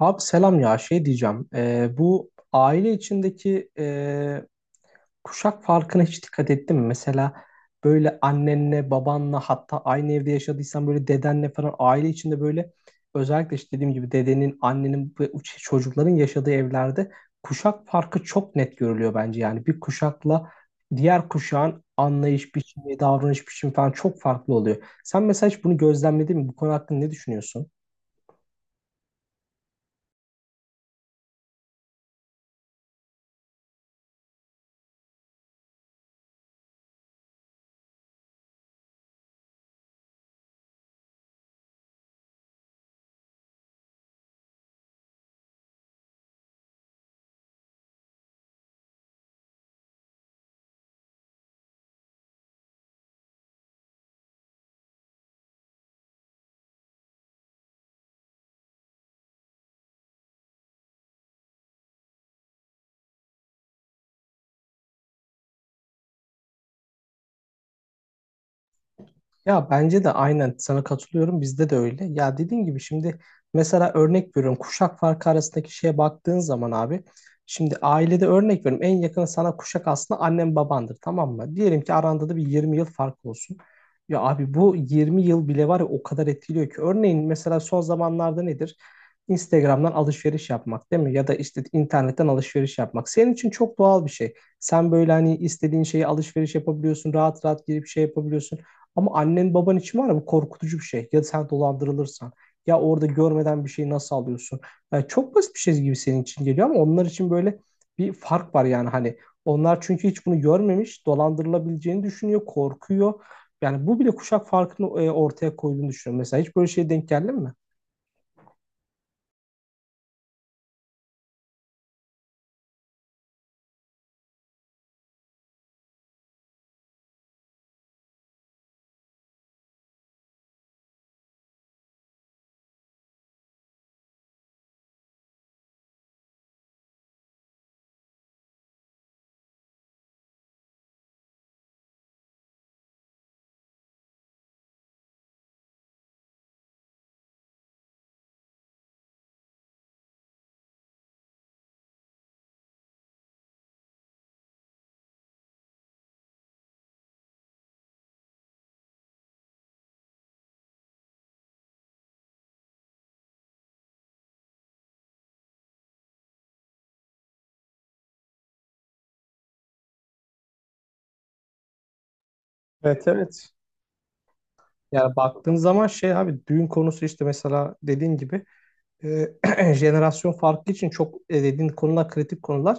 Abi, selam ya. Şey diyeceğim. Bu aile içindeki kuşak farkına hiç dikkat ettin mi? Mesela böyle annenle babanla, hatta aynı evde yaşadıysan böyle dedenle falan, aile içinde böyle özellikle işte dediğim gibi dedenin, annenin ve çocukların yaşadığı evlerde kuşak farkı çok net görülüyor bence. Yani bir kuşakla diğer kuşağın anlayış biçimi, davranış biçimi falan çok farklı oluyor. Sen mesela hiç bunu gözlemledin mi? Bu konu hakkında ne düşünüyorsun? Ya bence de aynen sana katılıyorum. Bizde de öyle. Ya dediğin gibi şimdi mesela örnek veriyorum. Kuşak farkı arasındaki şeye baktığın zaman abi. Şimdi ailede örnek veriyorum. En yakın sana kuşak aslında annen babandır, tamam mı? Diyelim ki aranda da bir 20 yıl fark olsun. Ya abi bu 20 yıl bile var ya, o kadar etkiliyor ki. Örneğin mesela son zamanlarda nedir? Instagram'dan alışveriş yapmak değil mi? Ya da işte internetten alışveriş yapmak. Senin için çok doğal bir şey. Sen böyle hani istediğin şeyi alışveriş yapabiliyorsun. Rahat rahat girip şey yapabiliyorsun. Ama annen baban için var ya, bu korkutucu bir şey. Ya sen dolandırılırsan, ya orada görmeden bir şeyi nasıl alıyorsun? Yani çok basit bir şey gibi senin için geliyor ama onlar için böyle bir fark var. Yani hani onlar çünkü hiç bunu görmemiş, dolandırılabileceğini düşünüyor, korkuyor. Yani bu bile kuşak farkını ortaya koyduğunu düşünüyorum. Mesela hiç böyle şeye denk geldin mi? Evet, evet. Yani baktığın zaman şey abi, düğün konusu işte mesela dediğin gibi e, jenerasyon farkı için çok dediğin konular kritik konular.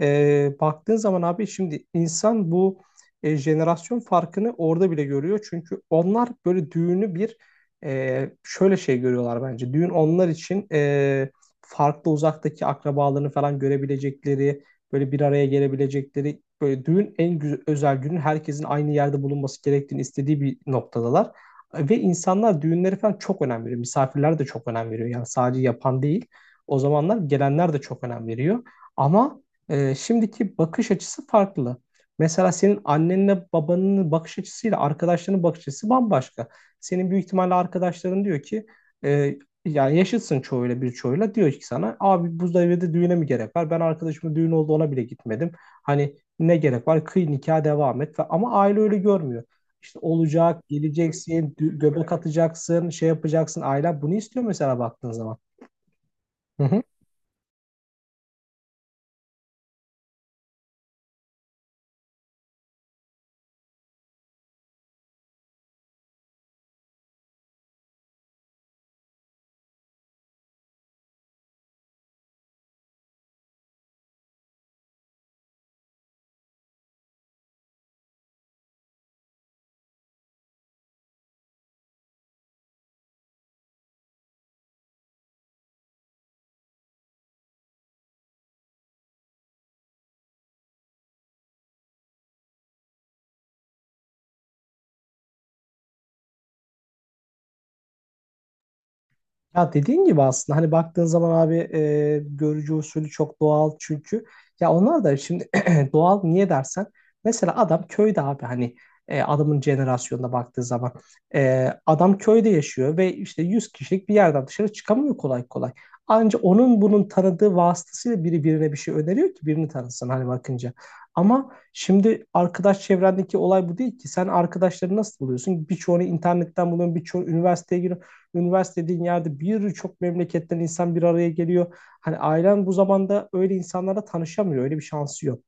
E, baktığın zaman abi şimdi insan bu jenerasyon farkını orada bile görüyor. Çünkü onlar böyle düğünü bir şöyle şey görüyorlar bence. Düğün onlar için farklı, uzaktaki akrabalarını falan görebilecekleri, böyle bir araya gelebilecekleri, böyle düğün en güzel, özel günün herkesin aynı yerde bulunması gerektiğini istediği bir noktadalar. Ve insanlar düğünleri falan çok önem veriyor. Misafirler de çok önem veriyor. Yani sadece yapan değil. O zamanlar gelenler de çok önem veriyor. Ama şimdiki bakış açısı farklı. Mesela senin annenle babanın bakış açısıyla arkadaşlarının bakış açısı bambaşka. Senin büyük ihtimalle arkadaşların diyor ki e, yani yaşıtsın çoğuyla, bir çoğuyla diyor ki sana, abi bu düğüne mi gerek var? Ben arkadaşımın düğün oldu, ona bile gitmedim. Hani ne gerek var? Kıy nikah, devam et. Ama aile öyle görmüyor. İşte olacak, geleceksin, göbek atacaksın, şey yapacaksın. Ailen bunu istiyor mesela baktığın zaman. Hı hı. Ya dediğin gibi aslında hani baktığın zaman abi, görücü usulü çok doğal. Çünkü ya onlar da şimdi doğal, niye dersen mesela adam köyde abi. Hani adamın jenerasyonuna baktığı zaman adam köyde yaşıyor ve işte 100 kişilik bir yerden dışarı çıkamıyor kolay kolay. Anca onun bunun tanıdığı vasıtasıyla biri birine bir şey öneriyor ki birini tanısın hani bakınca. Ama şimdi arkadaş çevrendeki olay bu değil ki. Sen arkadaşları nasıl buluyorsun? Birçoğunu internetten buluyorsun, birçoğu üniversiteye giriyor. Üniversite dediğin yerde birçok memleketten insan bir araya geliyor. Hani ailen bu zamanda öyle insanlara tanışamıyor. Öyle bir şansı yok.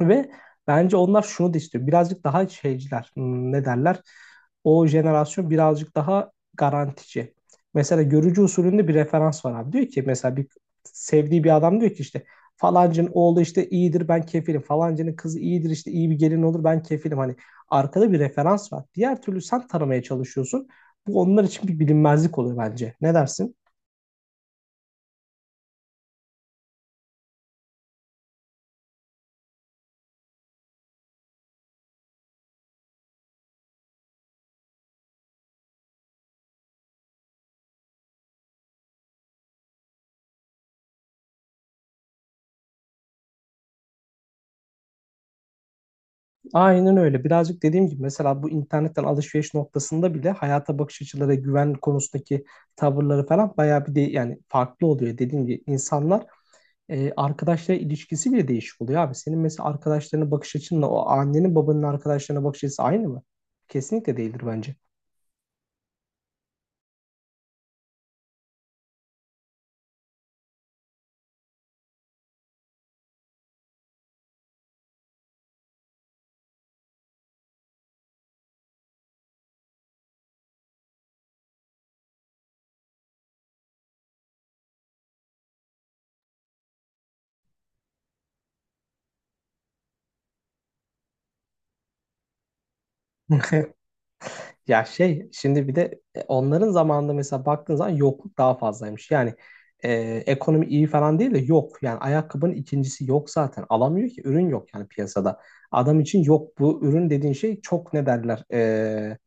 Ve bence onlar şunu da istiyor. Birazcık daha şeyciler. Ne derler? O jenerasyon birazcık daha garantici. Mesela görücü usulünde bir referans var abi. Diyor ki mesela bir sevdiği bir adam diyor ki işte falancının oğlu işte iyidir, ben kefilim. Falancının kızı iyidir, işte iyi bir gelin olur, ben kefilim. Hani arkada bir referans var. Diğer türlü sen tanımaya çalışıyorsun. Bu onlar için bir bilinmezlik oluyor bence. Ne dersin? Aynen öyle. Birazcık dediğim gibi mesela bu internetten alışveriş noktasında bile hayata bakış açıları, güven konusundaki tavırları falan bayağı bir de yani farklı oluyor. Dediğim gibi insanlar arkadaşlar ilişkisi bile değişik oluyor abi. Senin mesela arkadaşlarına bakış açınla o annenin babanın arkadaşlarına bakış açısı aynı mı? Kesinlikle değildir bence. Ya şey şimdi bir de onların zamanında mesela baktığın zaman yokluk daha fazlaymış. Yani e, ekonomi iyi falan değil de yok. Yani ayakkabının ikincisi yok zaten. Alamıyor ki, ürün yok yani piyasada. Adam için yok, bu ürün dediğin şey çok, ne derler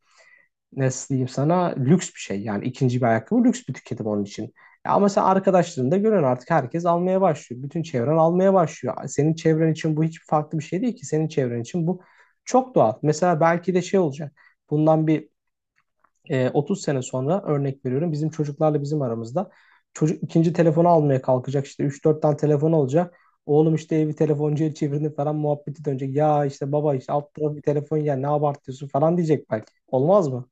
nasıl diyeyim sana, lüks bir şey. Yani ikinci bir ayakkabı lüks bir tüketim onun için. Ya ama sen arkadaşlarında görüyorsun, artık herkes almaya başlıyor. Bütün çevren almaya başlıyor. Senin çevren için bu hiç farklı bir şey değil ki. Senin çevren için bu çok doğal. Mesela belki de şey olacak. Bundan bir 30 sene sonra örnek veriyorum, bizim çocuklarla bizim aramızda çocuk ikinci telefonu almaya kalkacak, işte 3-4 tane telefon olacak. Oğlum işte evi telefoncuya çevirdi falan muhabbeti dönecek. Ya işte baba, işte alt tarafı bir telefon ya, ne abartıyorsun falan diyecek belki. Olmaz mı?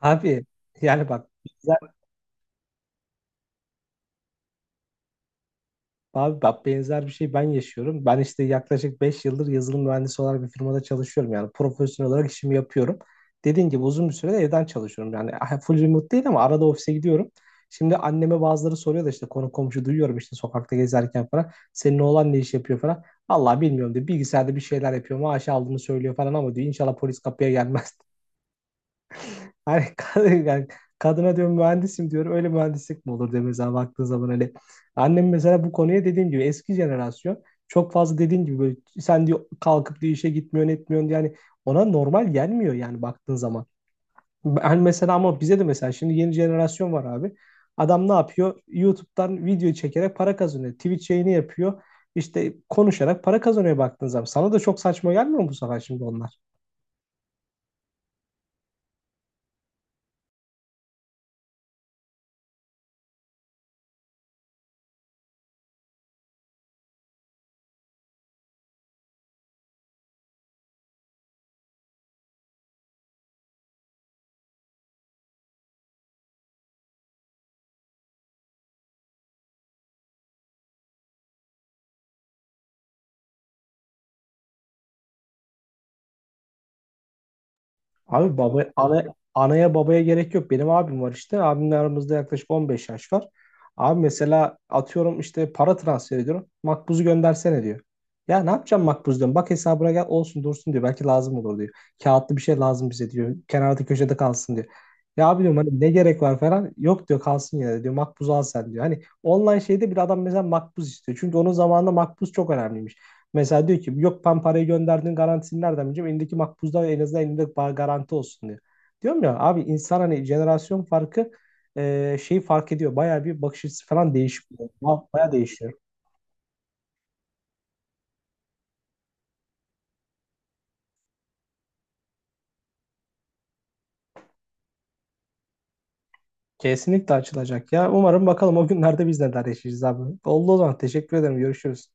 Abi yani bak Abi, bak, benzer bir şey ben yaşıyorum. Ben işte yaklaşık 5 yıldır yazılım mühendisi olarak bir firmada çalışıyorum. Yani profesyonel olarak işimi yapıyorum. Dediğim gibi uzun bir sürede evden çalışıyorum. Yani ah, full remote değil ama arada ofise gidiyorum. Şimdi anneme bazıları soruyor da işte, konu komşu duyuyorum işte sokakta gezerken falan. Senin oğlan ne iş yapıyor falan. Allah, bilmiyorum diyor. Bilgisayarda bir şeyler yapıyor. Maaş aldığını söylüyor falan ama diyor inşallah polis kapıya gelmez. Hani kadın, yani kadına diyorum mühendisim diyorum. Öyle mühendislik mi olur diyor mesela baktığın zaman hani. Annem mesela bu konuya dediğim gibi, eski jenerasyon çok fazla dediğim gibi, böyle sen diyor kalkıp diyor işe gitmiyorsun, etmiyorsun diyor. Yani ona normal gelmiyor yani baktığın zaman. Ben mesela, ama bize de mesela şimdi yeni jenerasyon var abi. Adam ne yapıyor? YouTube'dan video çekerek para kazanıyor. Twitch yayını yapıyor. İşte konuşarak para kazanıyor baktığın zaman. Sana da çok saçma gelmiyor mu bu sefer şimdi onlar? Abi baba ana, anaya babaya gerek yok. Benim abim var işte. Abimle aramızda yaklaşık 15 yaş var. Abi mesela atıyorum işte para transfer ediyorum. Makbuzu göndersene diyor. Ya ne yapacağım makbuzdan? Bak hesabına gel olsun dursun diyor. Belki lazım olur diyor. Kağıtlı bir şey lazım bize diyor. Kenarda köşede kalsın diyor. Ya abi diyorum hani ne gerek var falan. Yok diyor, kalsın yine de diyor. Makbuzu al sen diyor. Hani online şeyde bir adam mesela makbuz istiyor. Çünkü onun zamanında makbuz çok önemliymiş. Mesela diyor ki yok, ben parayı gönderdiğin garantisini nereden bileceğim? Elindeki makbuzda en azından elinde garanti olsun diyor. Diyorum ya abi, insan hani jenerasyon farkı şeyi fark ediyor. Bayağı bir bakış açısı falan değişiyor. Bayağı değişiyor. Kesinlikle açılacak ya. Umarım bakalım o günlerde biz neler yaşayacağız abi. Oldu o zaman. Teşekkür ederim. Görüşürüz.